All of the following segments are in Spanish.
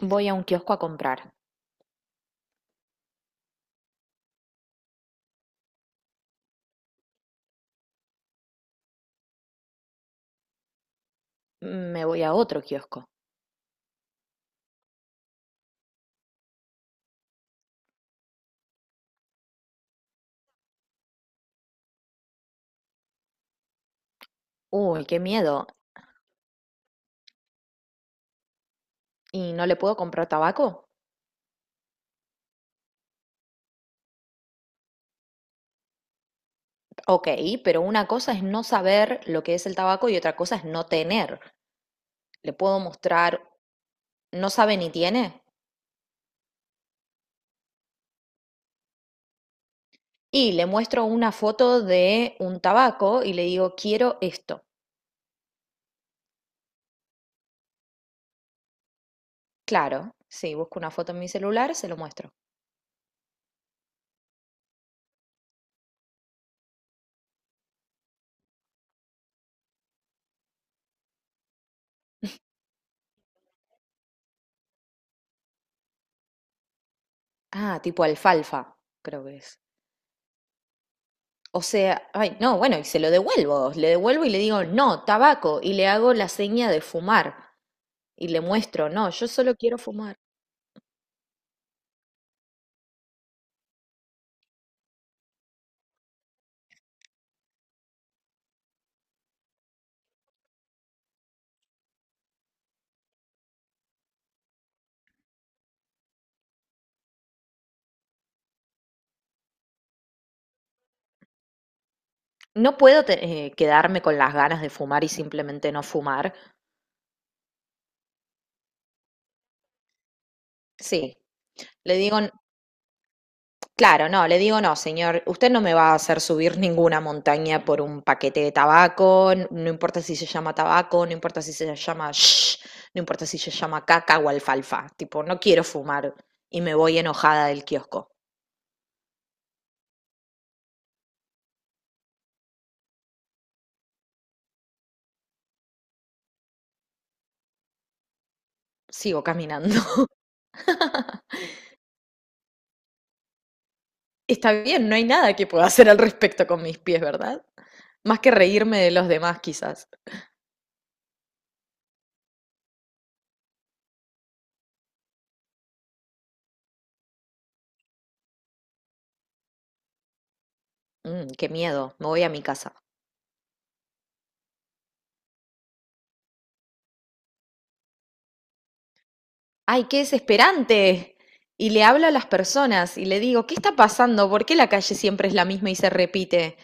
Voy a un kiosco a comprar. Me voy a otro kiosco. Uy, qué miedo. ¿Y no le puedo comprar tabaco? Ok, pero una cosa es no saber lo que es el tabaco y otra cosa es no tener. Le puedo mostrar, no sabe ni tiene. Y le muestro una foto de un tabaco y le digo, quiero esto. Claro, sí, busco una foto en mi celular, se lo muestro. Ah, tipo alfalfa, creo que es. O sea, ay, no, bueno, y se lo devuelvo, le devuelvo y le digo, no, tabaco, y le hago la seña de fumar. Y le muestro, no, yo solo quiero fumar. No puedo quedarme con las ganas de fumar y simplemente no fumar. Sí, le digo, claro, no, le digo, no, señor, usted no me va a hacer subir ninguna montaña por un paquete de tabaco, no importa si se llama tabaco, no importa si se llama shh, no importa si se llama caca o alfalfa, tipo, no quiero fumar y me voy enojada del kiosco. Sigo caminando. Está bien, no hay nada que pueda hacer al respecto con mis pies, ¿verdad? Más que reírme de los demás, quizás. Mm, qué miedo, me voy a mi casa. ¡Ay, qué desesperante! Y le hablo a las personas y le digo, ¿qué está pasando? ¿Por qué la calle siempre es la misma y se repite?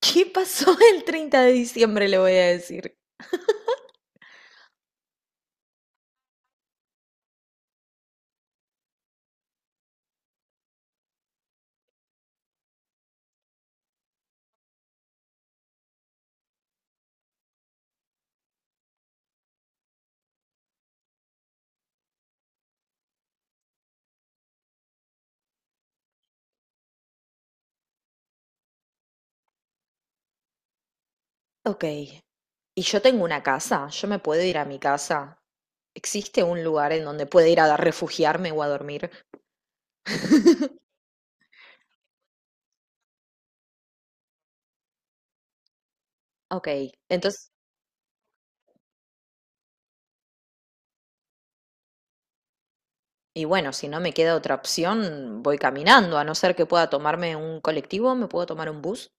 ¿Qué pasó el 30 de diciembre? Le voy a decir. Ok, y yo tengo una casa, yo me puedo ir a mi casa. ¿Existe un lugar en donde pueda ir a refugiarme o a dormir? Ok, entonces. Y bueno, si no me queda otra opción, voy caminando, a no ser que pueda tomarme un colectivo, me puedo tomar un bus.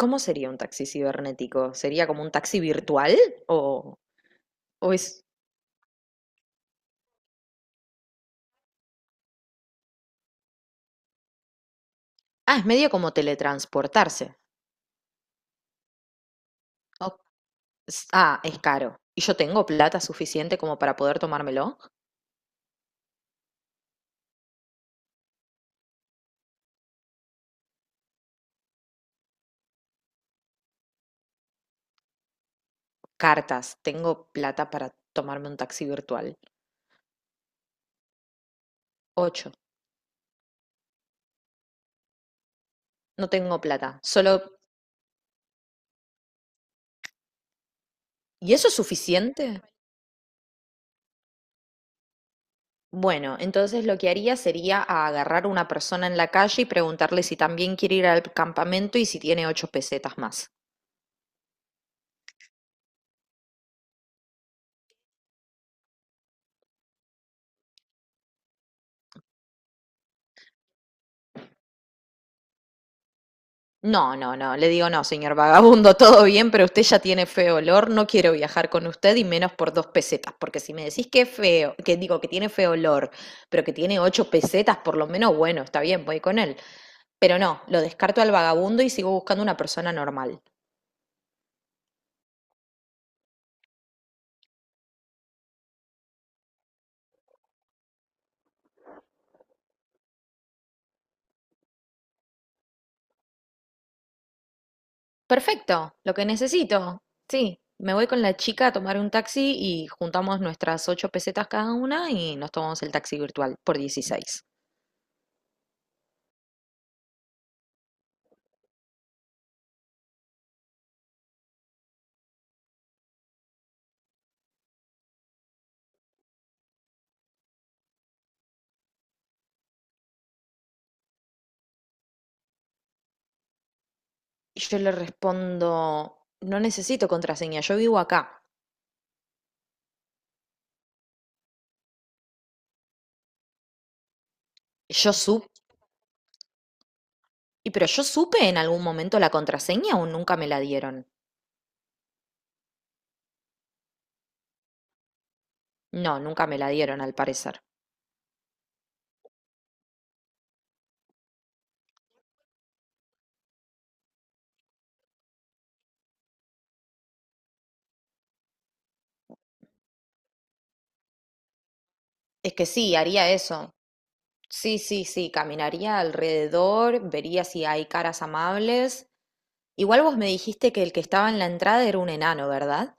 ¿Cómo sería un taxi cibernético? ¿Sería como un taxi virtual? ¿O, o es... Ah, es medio como teletransportarse. Ok. Ah, es caro. ¿Y yo tengo plata suficiente como para poder tomármelo? Cartas, tengo plata para tomarme un taxi virtual. Ocho, no tengo plata. Solo... ¿Y eso es suficiente? Bueno, entonces lo que haría sería a agarrar a una persona en la calle y preguntarle si también quiere ir al campamento y si tiene 8 pesetas más. No, no, no, le digo no, señor vagabundo, todo bien, pero usted ya tiene feo olor, no quiero viajar con usted y menos por 2 pesetas, porque si me decís que es feo, que digo que tiene feo olor, pero que tiene 8 pesetas, por lo menos, bueno, está bien, voy con él. Pero no, lo descarto al vagabundo y sigo buscando una persona normal. Perfecto, lo que necesito. Sí, me voy con la chica a tomar un taxi y juntamos nuestras 8 pesetas cada una y nos tomamos el taxi virtual por 16. Y yo le respondo, no necesito contraseña, yo vivo acá. Yo supe, y pero yo supe en algún momento la contraseña o nunca me la dieron. No, nunca me la dieron al parecer. Es que sí, haría eso. Sí, sí, sí, caminaría alrededor, vería si hay caras amables. Igual vos me dijiste que el que estaba en la entrada era un enano, ¿verdad?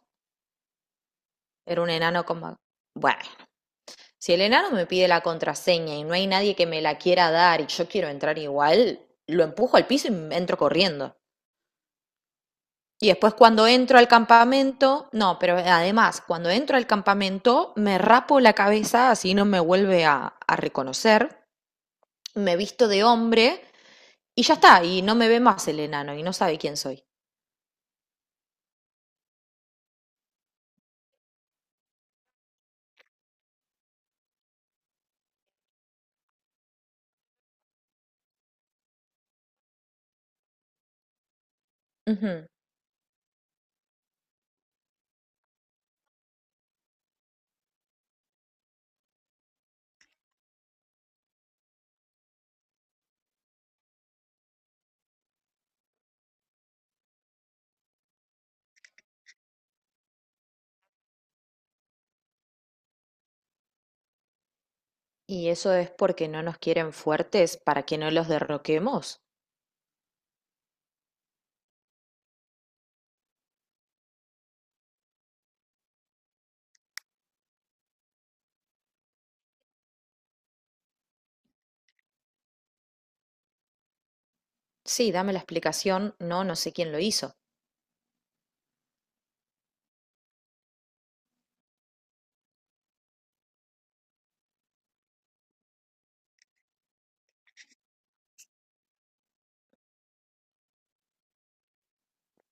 Era un enano como... Bueno, si el enano me pide la contraseña y no hay nadie que me la quiera dar y yo quiero entrar igual, lo empujo al piso y entro corriendo. Y después cuando entro al campamento, no, pero además, cuando entro al campamento, me rapo la cabeza así no me vuelve a reconocer, me visto de hombre. Y ya está, y no me ve más el enano y no sabe quién soy. Ujú. ¿Y eso es porque no nos quieren fuertes para que no los derroquemos? Sí, dame la explicación. No, no sé quién lo hizo.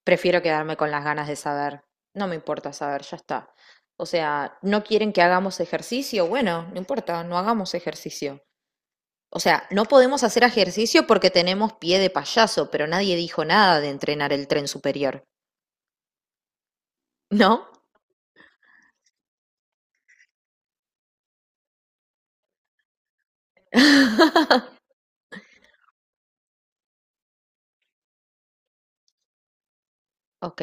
Prefiero quedarme con las ganas de saber. No me importa saber, ya está. O sea, ¿no quieren que hagamos ejercicio? Bueno, no importa, no hagamos ejercicio. O sea, no podemos hacer ejercicio porque tenemos pie de payaso, pero nadie dijo nada de entrenar el tren superior. ¿No? Ok,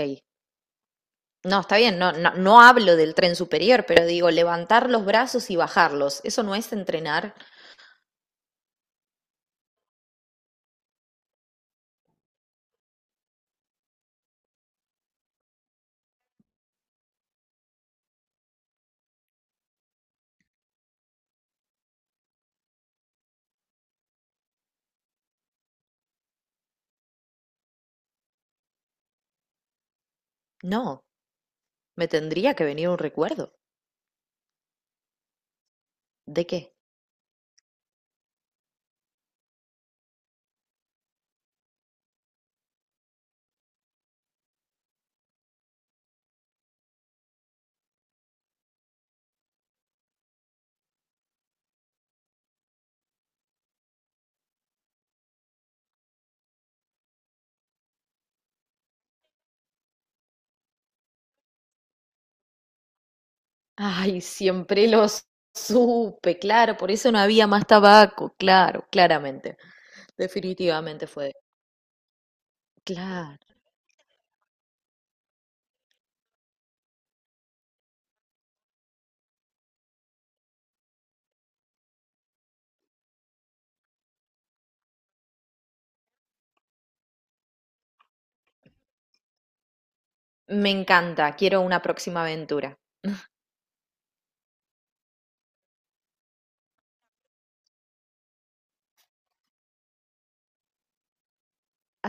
no, está bien, no, no, no hablo del tren superior, pero digo, levantar los brazos y bajarlos, ¿eso no es entrenar? No, me tendría que venir un recuerdo. ¿De qué? Ay, siempre los supe, claro, por eso no había más tabaco, claro, claramente, definitivamente fue. Claro, me encanta, quiero una próxima aventura.